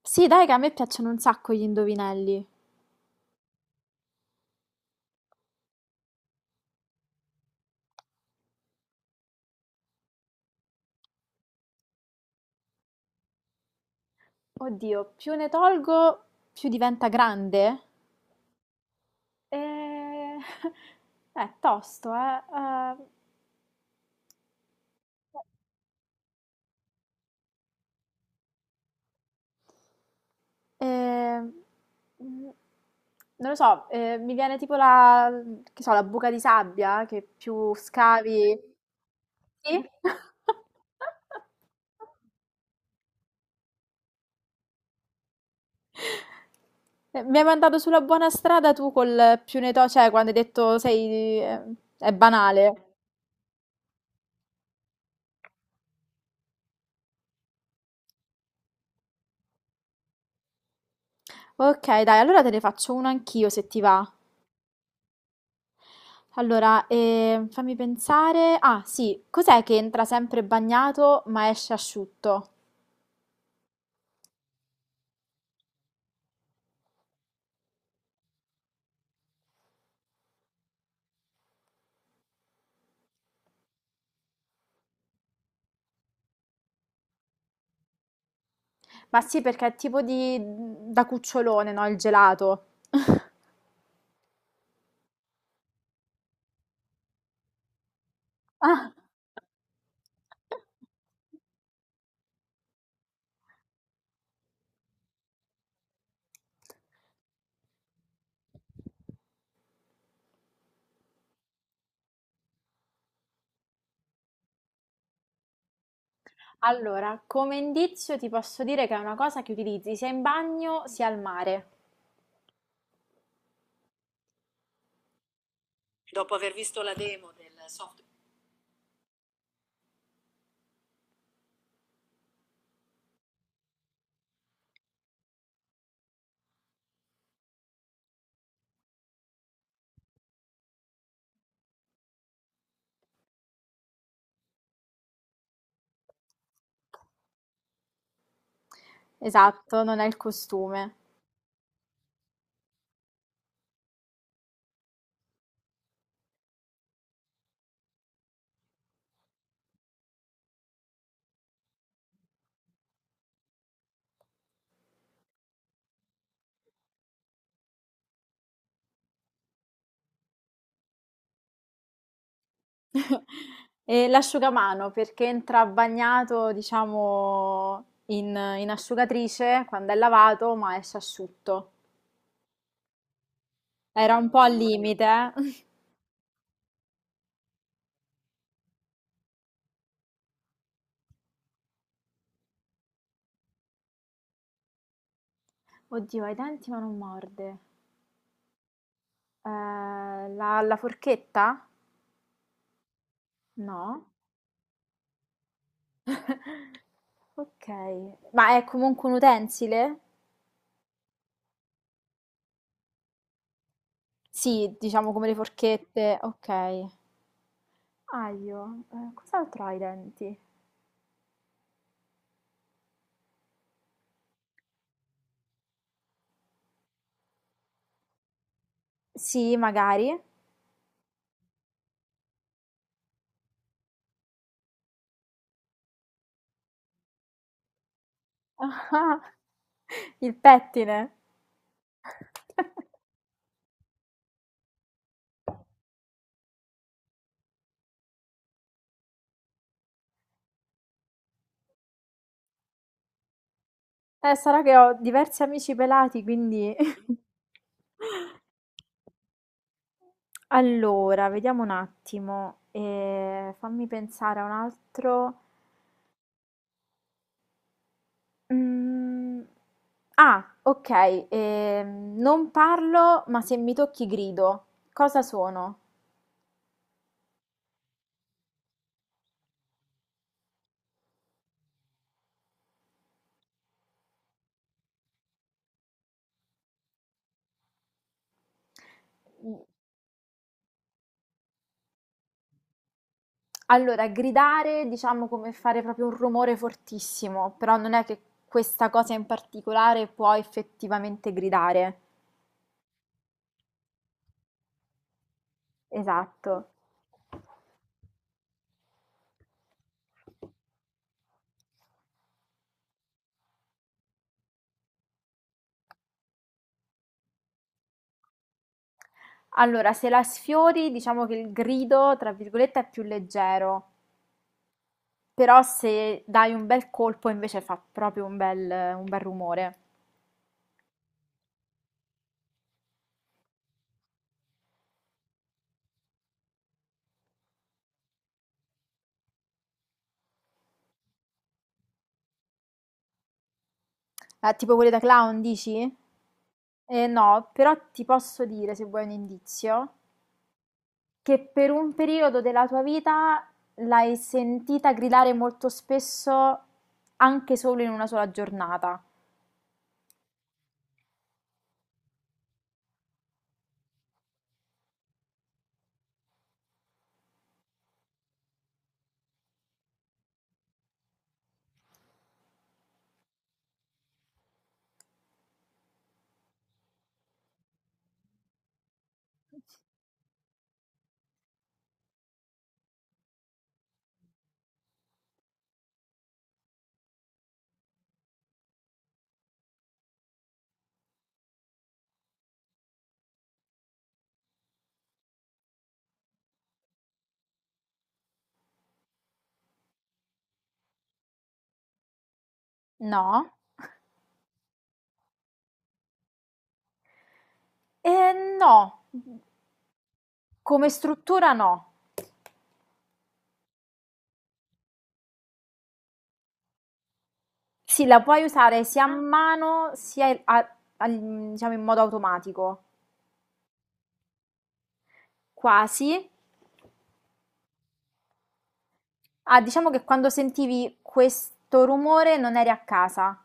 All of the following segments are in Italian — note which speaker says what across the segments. Speaker 1: Sì, dai, che a me piacciono un sacco gli indovinelli. Oddio, più ne tolgo, più diventa grande? Eh, È tosto, eh. Eh, eh, mm, Non lo so, mi viene tipo la, che so, la buca di sabbia, che più scavi. Sì? Mi hai mandato sulla buona strada tu col più ne to, cioè quando hai detto sei, è banale. Okay, dai, allora te ne faccio una anch'io se ti va. Allora, fammi pensare. Ah, sì, cos'è che entra sempre bagnato ma esce asciutto? Ma sì, perché è tipo da cucciolone, no? Il gelato. Ah. Allora, come indizio ti posso dire che è una cosa che utilizzi sia in bagno sia al mare. Esatto, non è il costume. E l'asciugamano perché entra bagnato, diciamo, in asciugatrice quando è lavato, ma esce asciutto. Era un po' al limite, eh. Oddio, ha i denti ma non morde. Eh, la forchetta? No. Ok. Ma è comunque un utensile? Sì, diciamo come le forchette. Ok. Aglio. Cos'altro ha i denti? Sì, magari. Ah, il pettine. Sarà che ho diversi amici pelati, quindi. Allora, vediamo un attimo. Fammi pensare a un altro. Mm, Ah, ok. Non parlo, ma se mi tocchi grido. Cosa sono? Allora, gridare diciamo come fare proprio un rumore fortissimo, però non è che questa cosa in particolare può effettivamente gridare. Esatto. Allora, se la sfiori, diciamo che il grido, tra virgolette, è più leggero, però se dai un bel colpo invece fa proprio un bel rumore. Tipo quelli da clown, dici? No, però ti posso dire, se vuoi un indizio, che per un periodo della tua vita l'hai sentita gridare molto spesso anche solo in una sola giornata, no? No, come struttura no. Sì, la puoi usare sia a, Ah, mano, sia diciamo in modo automatico, quasi. Ah, diciamo che quando sentivi questo rumore non eri a casa.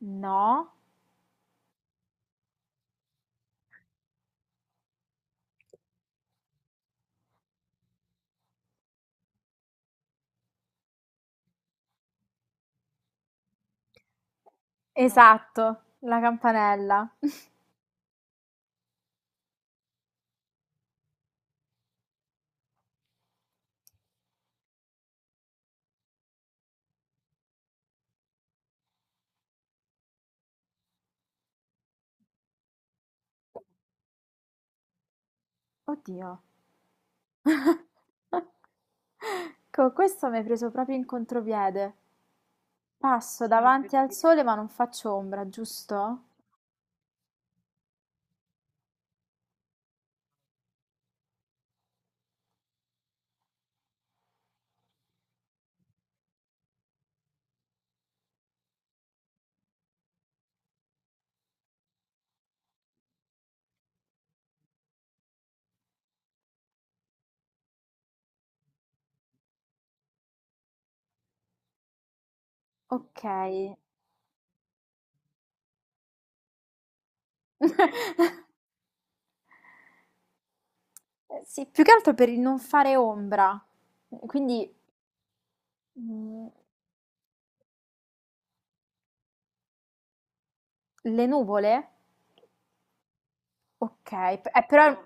Speaker 1: No, no, esatto, la campanella. Oddio. Co questo mi hai preso proprio in contropiede. Passo, sì, davanti al, perché, sole ma non faccio ombra, giusto? Ok. Sì, più che altro per il non fare ombra. Quindi mm, le nuvole? Ok, però.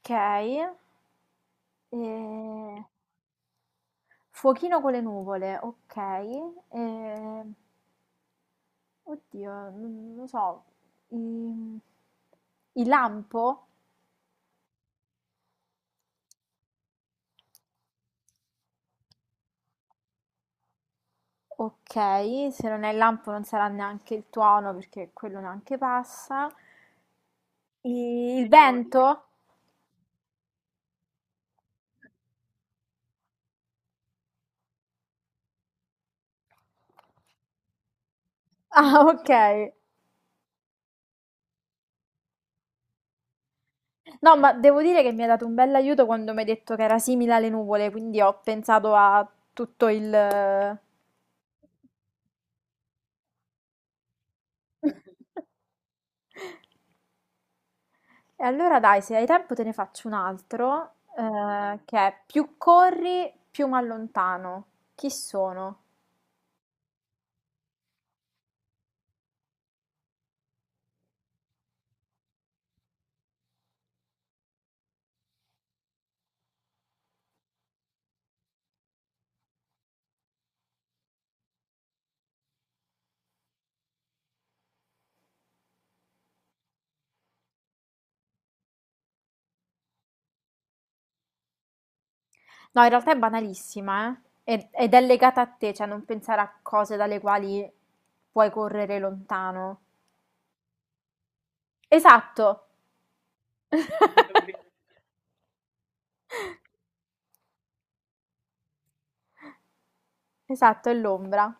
Speaker 1: Ok. Eh, Fuochino con le nuvole, ok. Eh, Oddio, non lo so. I il lampo? Okay, se non è il lampo non sarà neanche il tuono perché quello neanche passa. I il è l'olio, vento? Ah, okay. No, ma devo dire che mi hai dato un bell'aiuto quando mi hai detto che era simile alle nuvole, quindi ho pensato a tutto il. E allora dai, se hai tempo te ne faccio un altro, che è più corri, più mi allontano. Chi sono? No, in realtà è banalissima, eh? Ed è legata a te, cioè non pensare a cose dalle quali puoi correre lontano. Esatto, esatto, è l'ombra.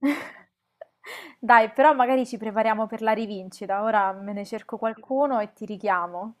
Speaker 1: Dai, però magari ci prepariamo per la rivincita. Ora me ne cerco qualcuno e ti richiamo.